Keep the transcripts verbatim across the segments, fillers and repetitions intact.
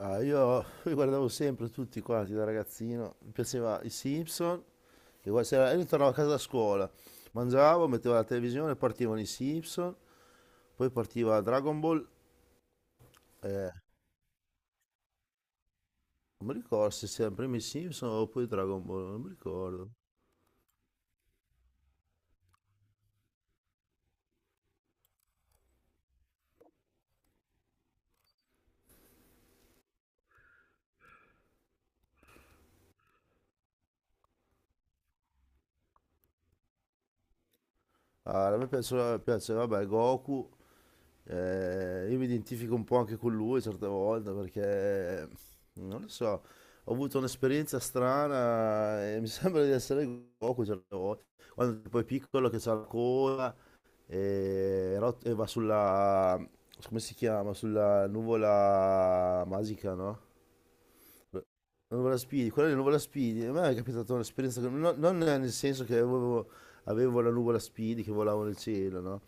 Ah, io, io guardavo sempre tutti quanti da ragazzino, mi piaceva i Simpson, e guarda, se- io tornavo a casa da scuola, mangiavo, mettevo la televisione, partivano i Simpson, poi partiva Dragon Ball, non mi ricordo se c'erano prima i Simpson o poi Dragon Ball, non mi ricordo. Ah, a me piaceva, piaceva, vabbè, Goku. Eh, io mi identifico un po' anche con lui certe volte perché non lo so, ho avuto un'esperienza strana e mi sembra di essere Goku certe volte. Quando poi è piccolo che c'ha la coda e, rot- e va sulla, come si chiama? Sulla nuvola magica, no? Nuvola Speedy, quella di Nuvola Speedy, a me è capitata un'esperienza, che- no- non nel senso che avevo, avevo la nuvola Speedy che volavo nel cielo, no?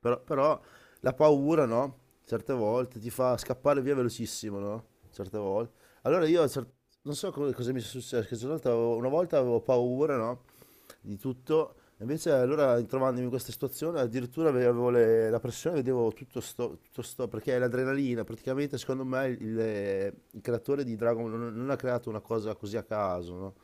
Però, però la paura, no? Certe volte ti fa scappare via velocissimo, no? Certe volte. Allora io, cer- non so co- cosa mi è successo, che una volta avevo, una volta avevo paura, no? Di tutto. Invece allora trovandomi in questa situazione addirittura avevo le- la pressione, vedevo tutto sto, tutto sto- perché l'adrenalina, praticamente secondo me il, il creatore di Dragon Ball non, non ha creato una cosa così a caso, no?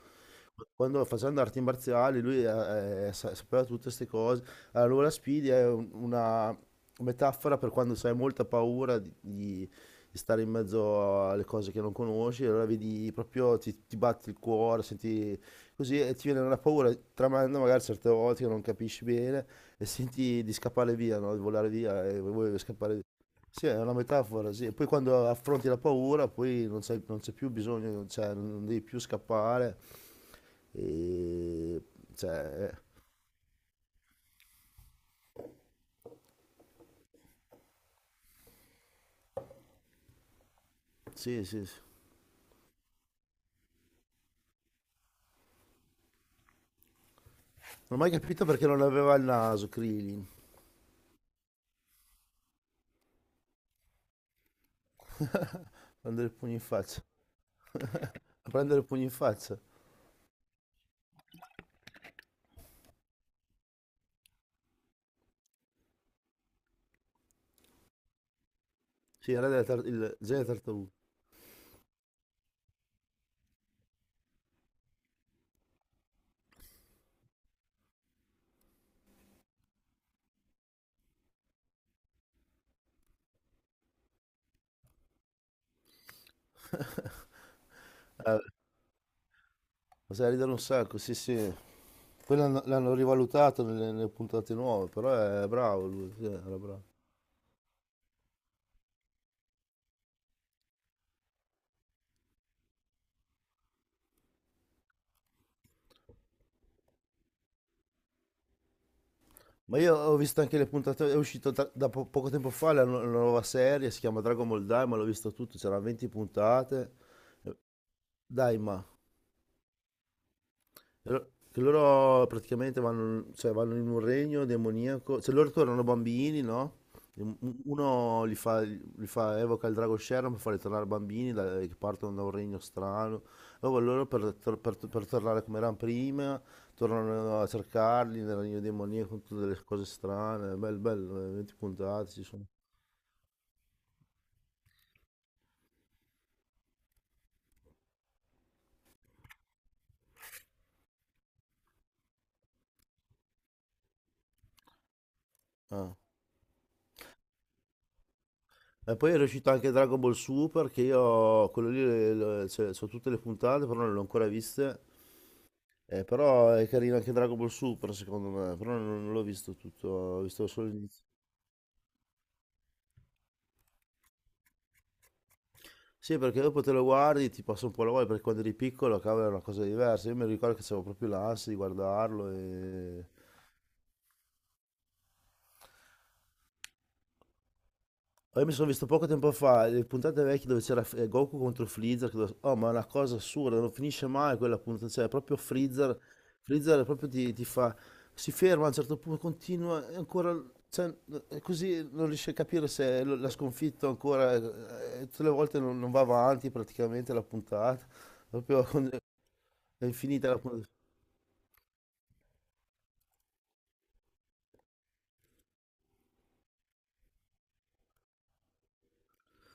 Quando facendo arti marziali lui eh, eh, sa- sapeva tutte queste cose. Allora Speedy è un- una metafora per quando hai molta paura di, di- di stare in mezzo alle cose che non conosci, allora vedi proprio ti, ti batti il cuore, senti. Così eh, ti viene una paura tremenda, magari certe volte che non capisci bene e senti di scappare via, no? Di volare via e vuoi scappare via. Sì, è una metafora, sì. E poi quando affronti la paura, poi non c'è, non c'è più bisogno, cioè non devi più scappare. E... Cioè, eh, sì, sì, sì. Non ho mai capito perché non aveva il naso, Krillin. Prendere il pugno in faccia. A prendere il pugno in faccia. Sì, era della tar- il genere tartaruga. Eh, sai ridere un sacco, sì, sì. Poi l'hanno, l'hanno rivalutato nelle, nelle puntate nuove, però è bravo lui, sì, era bravo. Ma io ho visto anche le puntate, è uscito tra- da po- poco tempo fa la, nu- la nuova serie, si chiama Dragon Ball Daima, l'ho visto tutto, c'erano venti puntate. Daima. Loro- Che loro praticamente vanno, cioè, vanno in un regno demoniaco, cioè loro tornano bambini, no? E un- Uno li fa, li fa- evoca il drago Sharon per farli tornare bambini da- che partono da un regno strano. Allora loro per, tor- per- per tornare come erano prima, tornano a cercarli nel regno demoniaco con tutte le cose strane. Bello, bello, eh, venti puntate ci sono. Ah. E poi è uscito anche Dragon Ball Super che io quello lì le- le- cioè, so tutte le puntate, però non le ho ancora viste. Eh, però è carino anche Dragon Ball Super, secondo me, però non, non l'ho visto tutto, ho visto solo l'inizio. Sì, perché dopo te lo guardi, ti passa un po' la voglia, perché quando eri piccolo, cavolo, è una cosa diversa. Io mi ricordo che avevo proprio l'ansia di guardarlo. E io mi sono visto poco tempo fa le puntate vecchie dove c'era eh, Goku contro Freezer, che lo- oh ma è una cosa assurda, non finisce mai quella puntata, cioè proprio Freezer, Freezer proprio ti, ti fa, si ferma a un certo punto, continua, e ancora, cioè, eh, così non riesce a capire se lo- l'ha sconfitto ancora, eh, eh, tutte le volte non, non va avanti praticamente la puntata, proprio con- è infinita la puntata.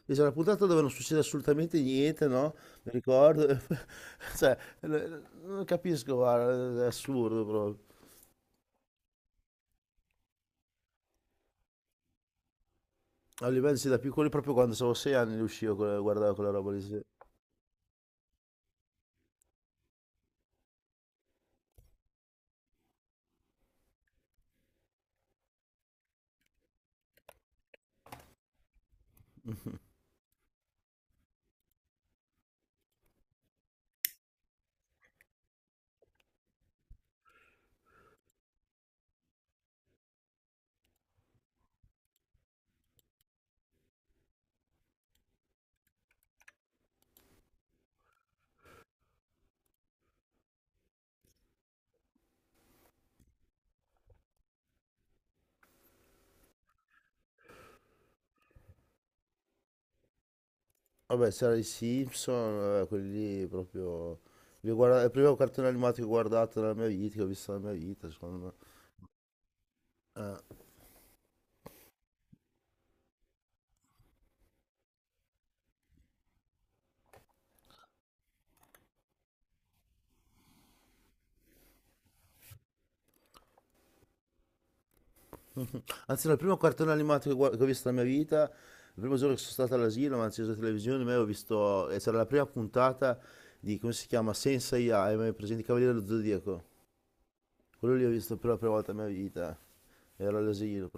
E c'è una puntata dove non succede assolutamente niente, no? Mi ricordo, cioè, eh, non capisco, guarda, è assurdo proprio. A livello sì, da piccoli proprio quando avevo sei anni li uscivo, con- guardavo quella roba lì, sì. Vabbè, c'era i Simpson, vabbè, quelli lì proprio... li guarda- Il primo cartone animato che ho guardato nella mia vita, che ho visto nella mia vita, secondo me. Anzi, no, il primo cartone animato che, guard- che ho visto nella mia vita, il primo giorno che sono stato all'asilo, mi hanno acceso la televisione, me ho visto... E c'era la prima puntata di, come si chiama, Senza A I, presente i Cavaliere dello Zodiaco. Quello lì ho visto per la prima volta nella mia vita, ero all'asilo.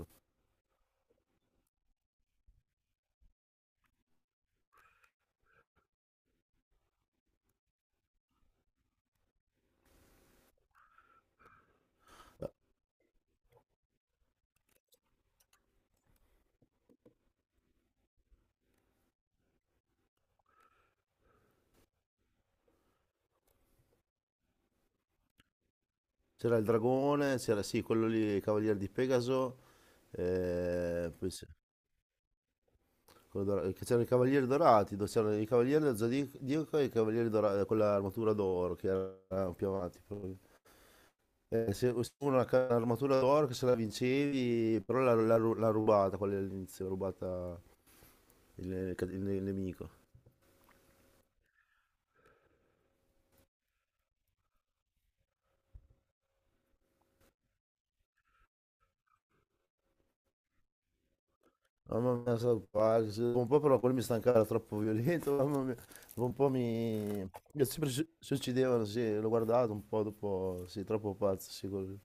C'era il dragone, c'era sì, quello lì, il cavaliere di Pegaso, eh, poi c'è- quello dora- che c'erano i cavalieri dorati, dove c'erano i cavalieri del Zodiaco e i cavalieri dorati, con l'armatura d'oro che era più avanti proprio. Eh, se se uno ha l'armatura d'oro che se la vincevi, però l'ha l'ha ru- l'ha rubata, quella lì all'inizio, l'ha rubata il, il- ca- il nemico. Mamma mia, sono quasi. Dopo un po' però quello mi stancava, era troppo violento, mamma mia. Dopo un po' mi... mi sempre si si uccidevano, sì, l'ho guardato un po' dopo, sì, troppo pazzo, sì, quello.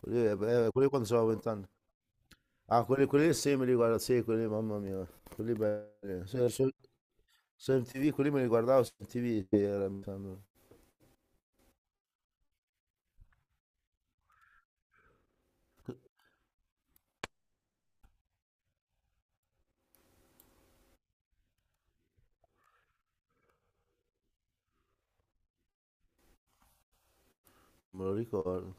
Quelli, eh, quelli quando avevo vent'anni. Ah, quelli, quelli sempre li guarda, sì, quelli, lì, mamma mia. Quelli belli. Su, su, su M T V, quelli me li guardavo su M T V, sì, era, mi sembra, non me lo ricordo.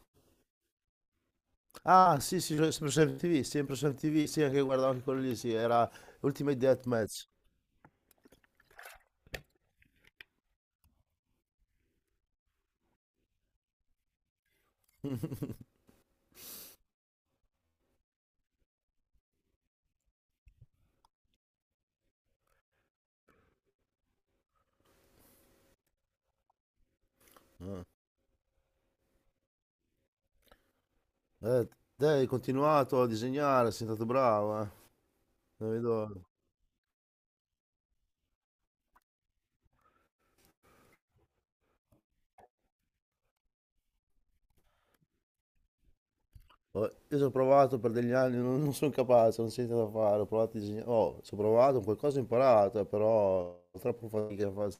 Ah, sì, sì, sempre su M T V, sempre su M T V, sì, anche guardavo anche quello lì, sì, era Ultimate Deathmatch. Eh, te hai continuato a disegnare, sei stato bravo, eh. Non vedo. Oh, io ci ho provato per degli anni, non, non sono capace, non so cosa fare. Ho provato a disegnare. Oh, ci ho provato, qualcosa ho imparato, eh, però ho troppo fatica a fare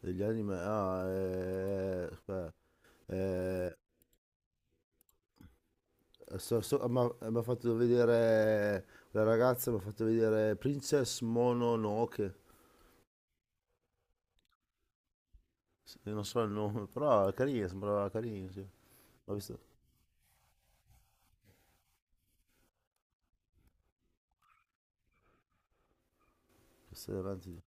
degli anime. Ah, eh, aspetta, eh, so- so- ma- mi ha fatto vedere. La ragazza mi ha fatto vedere Princess Mononoke. Sì, non so il nome, però è carina, sembrava carina, sì. Ho visto. Queste davanti.